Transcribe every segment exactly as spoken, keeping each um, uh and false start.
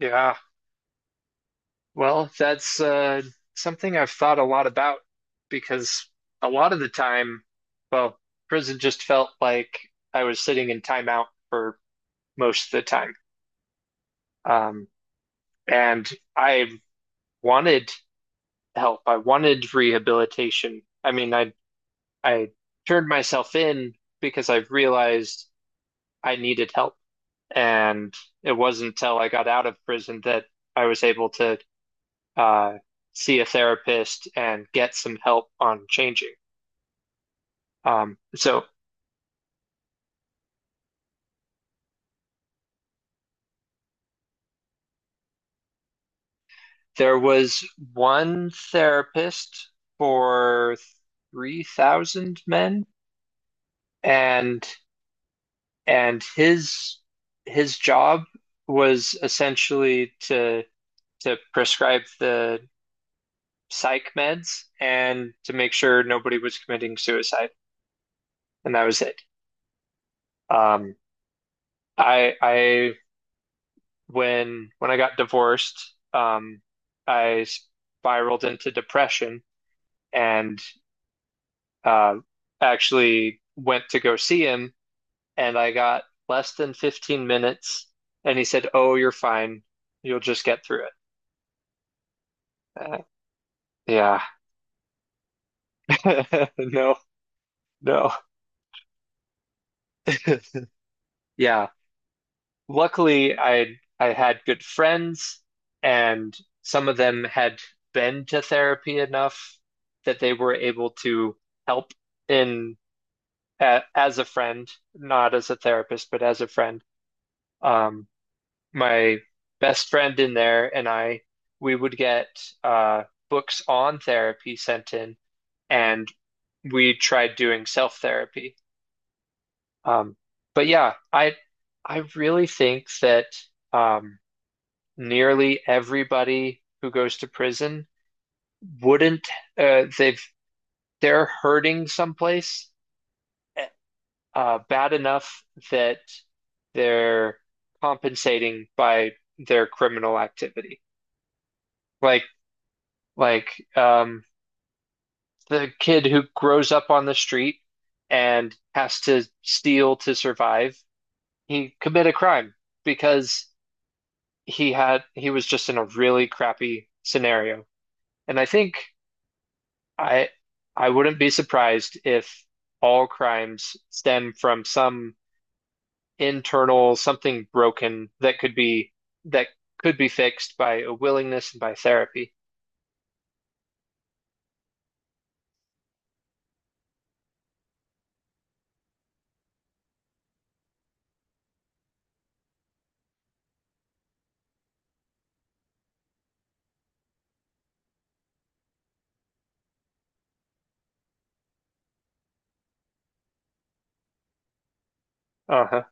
Yeah. Well, that's uh, something I've thought a lot about because a lot of the time, well, prison just felt like I was sitting in timeout for most of the time. Um, and I wanted help. I wanted rehabilitation. I mean, I I turned myself in because I realized I needed help. And it wasn't until I got out of prison that I was able to uh, see a therapist and get some help on changing. Um, so there was one therapist for three thousand men, and and his his job was essentially to to prescribe the psych meds and to make sure nobody was committing suicide, and that was it. Um, I I when when I got divorced, um, I spiraled into depression and uh, actually went to go see him, and I got less than fifteen minutes, and he said, "Oh, you're fine. You'll just get through it." Uh, yeah, no, no, yeah. Luckily, I I had good friends, and some of them had been to therapy enough that they were able to help in a, as a friend, not as a therapist, but as a friend. Um, my best friend in there and I, we would get uh, books on therapy sent in, and we tried doing self therapy. Um, but yeah, I I really think that um, nearly everybody who goes to prison wouldn't uh, they've they're hurting someplace eh, uh, bad enough that they're compensating by their criminal activity. Like like um, the kid who grows up on the street and has to steal to survive, he commit a crime because he had he was just in a really crappy scenario. And I think I I wouldn't be surprised if all crimes stem from some internal something broken that could be that could be fixed by a willingness and by therapy. Uh-huh.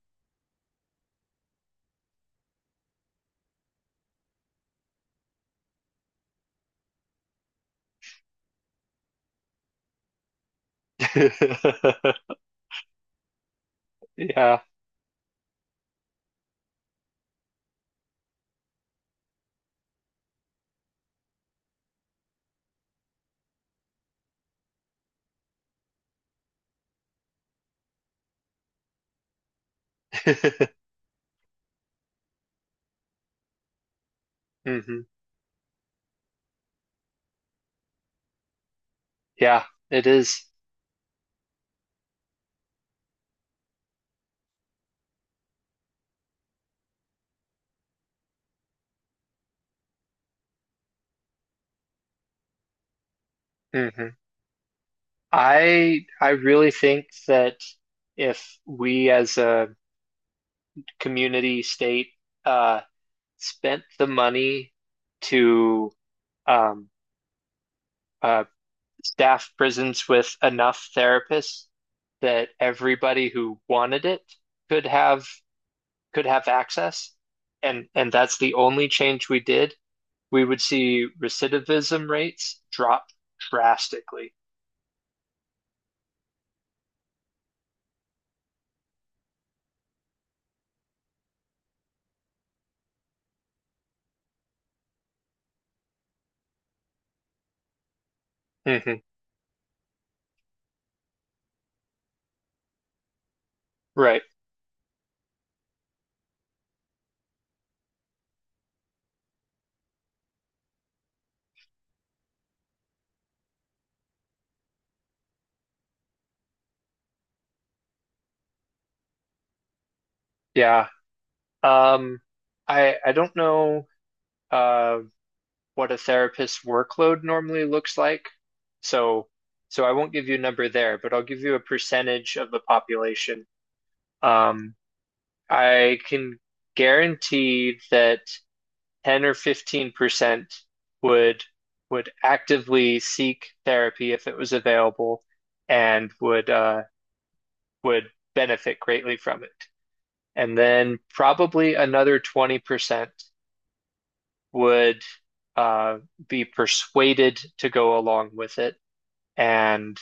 Yeah. Hmm. Yeah, it is. Mm-hmm. I I really think that if we as a community state uh spent the money to um uh staff prisons with enough therapists that everybody who wanted it could have could have access, and and that's the only change we did, we would see recidivism rates drop drastically. Hmm. Right. Yeah. Um, I I don't know uh what a therapist's workload normally looks like, so so I won't give you a number there, but I'll give you a percentage of the population. Um, I can guarantee that ten or fifteen percent would would actively seek therapy if it was available and would uh, would benefit greatly from it. And then probably another twenty percent would uh, be persuaded to go along with it and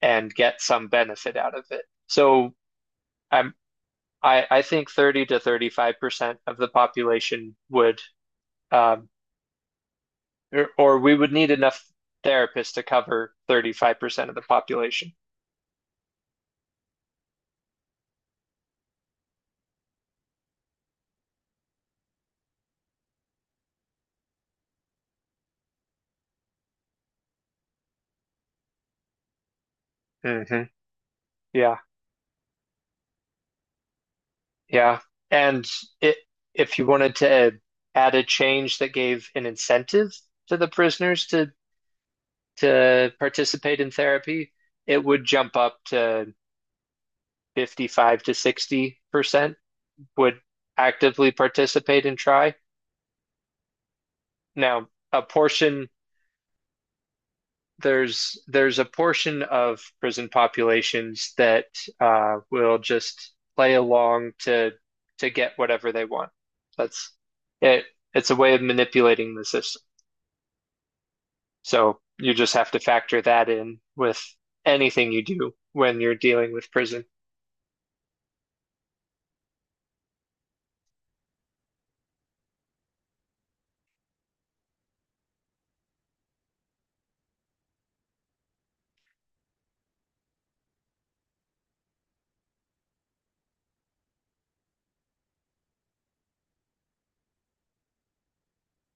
and get some benefit out of it. So I'm I, I think thirty to thirty-five percent of the population would um, Or, or we would need enough therapists to cover thirty-five percent of the population. Hmm. Yeah, yeah. And it, if you wanted to add a change that gave an incentive to the prisoners to to participate in therapy, it would jump up to fifty-five to sixty percent would actively participate and try. Now, a portion there's there's a portion of prison populations that uh, will just play along to to get whatever they want. That's it. It's a way of manipulating the system. So you just have to factor that in with anything you do when you're dealing with prison.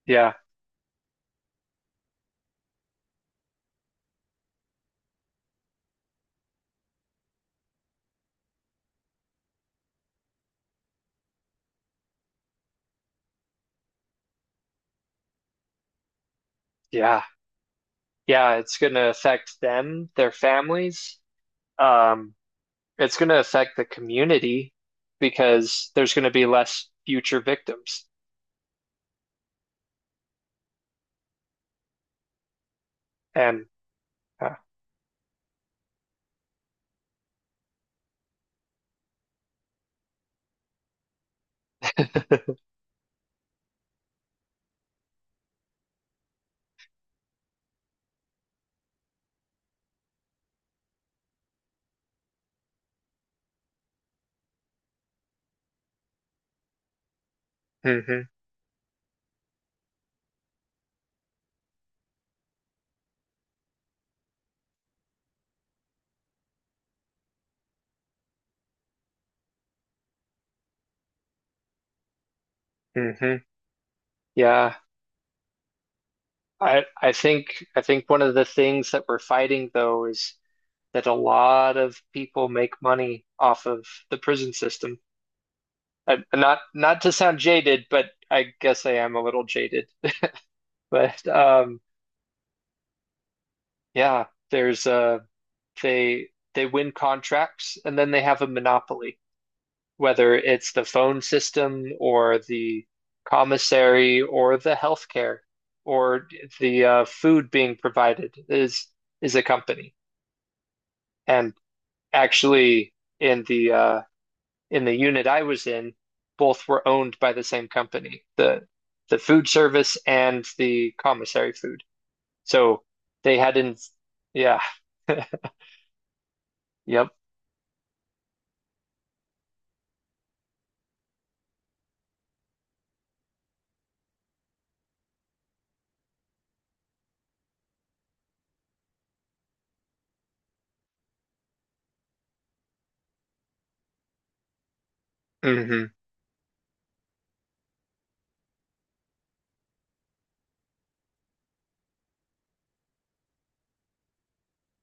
Yeah, yeah, yeah. It's gonna affect them, their families. Um, it's gonna affect the community because there's gonna be less future victims and. uh, hmm. Hmm. Yeah. I I think I think one of the things that we're fighting though is that a lot of people make money off of the prison system. I, not not to sound jaded, but I guess I am a little jaded. But um yeah, there's uh they they win contracts and then they have a monopoly. Whether it's the phone system or the commissary or the healthcare or the uh, food being provided is is a company. And actually, in the uh, in the unit I was in, both were owned by the same company, the the food service and the commissary food. So they had not yeah, yep. Hmm.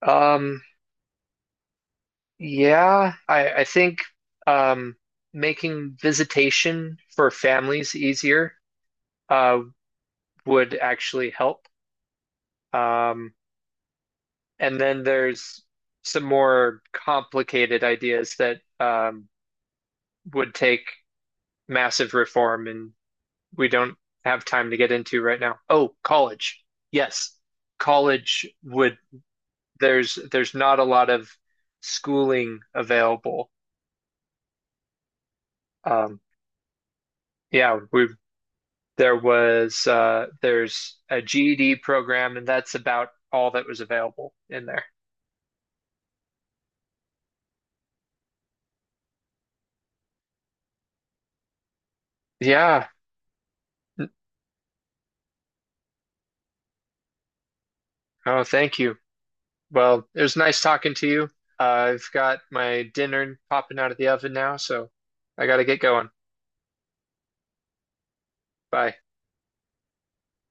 Um, Yeah, I, I think um, making visitation for families easier uh, would actually help. Um, and then there's some more complicated ideas that um, would take massive reform, and we don't have time to get into right now. Oh, college. Yes, college would. There's there's not a lot of schooling available. Um, yeah, we There was uh, there's a G E D program, and that's about all that was available in there. Yeah. Oh, thank you. Well, it was nice talking to you. Uh, I've got my dinner popping out of the oven now, so I gotta get going. Bye.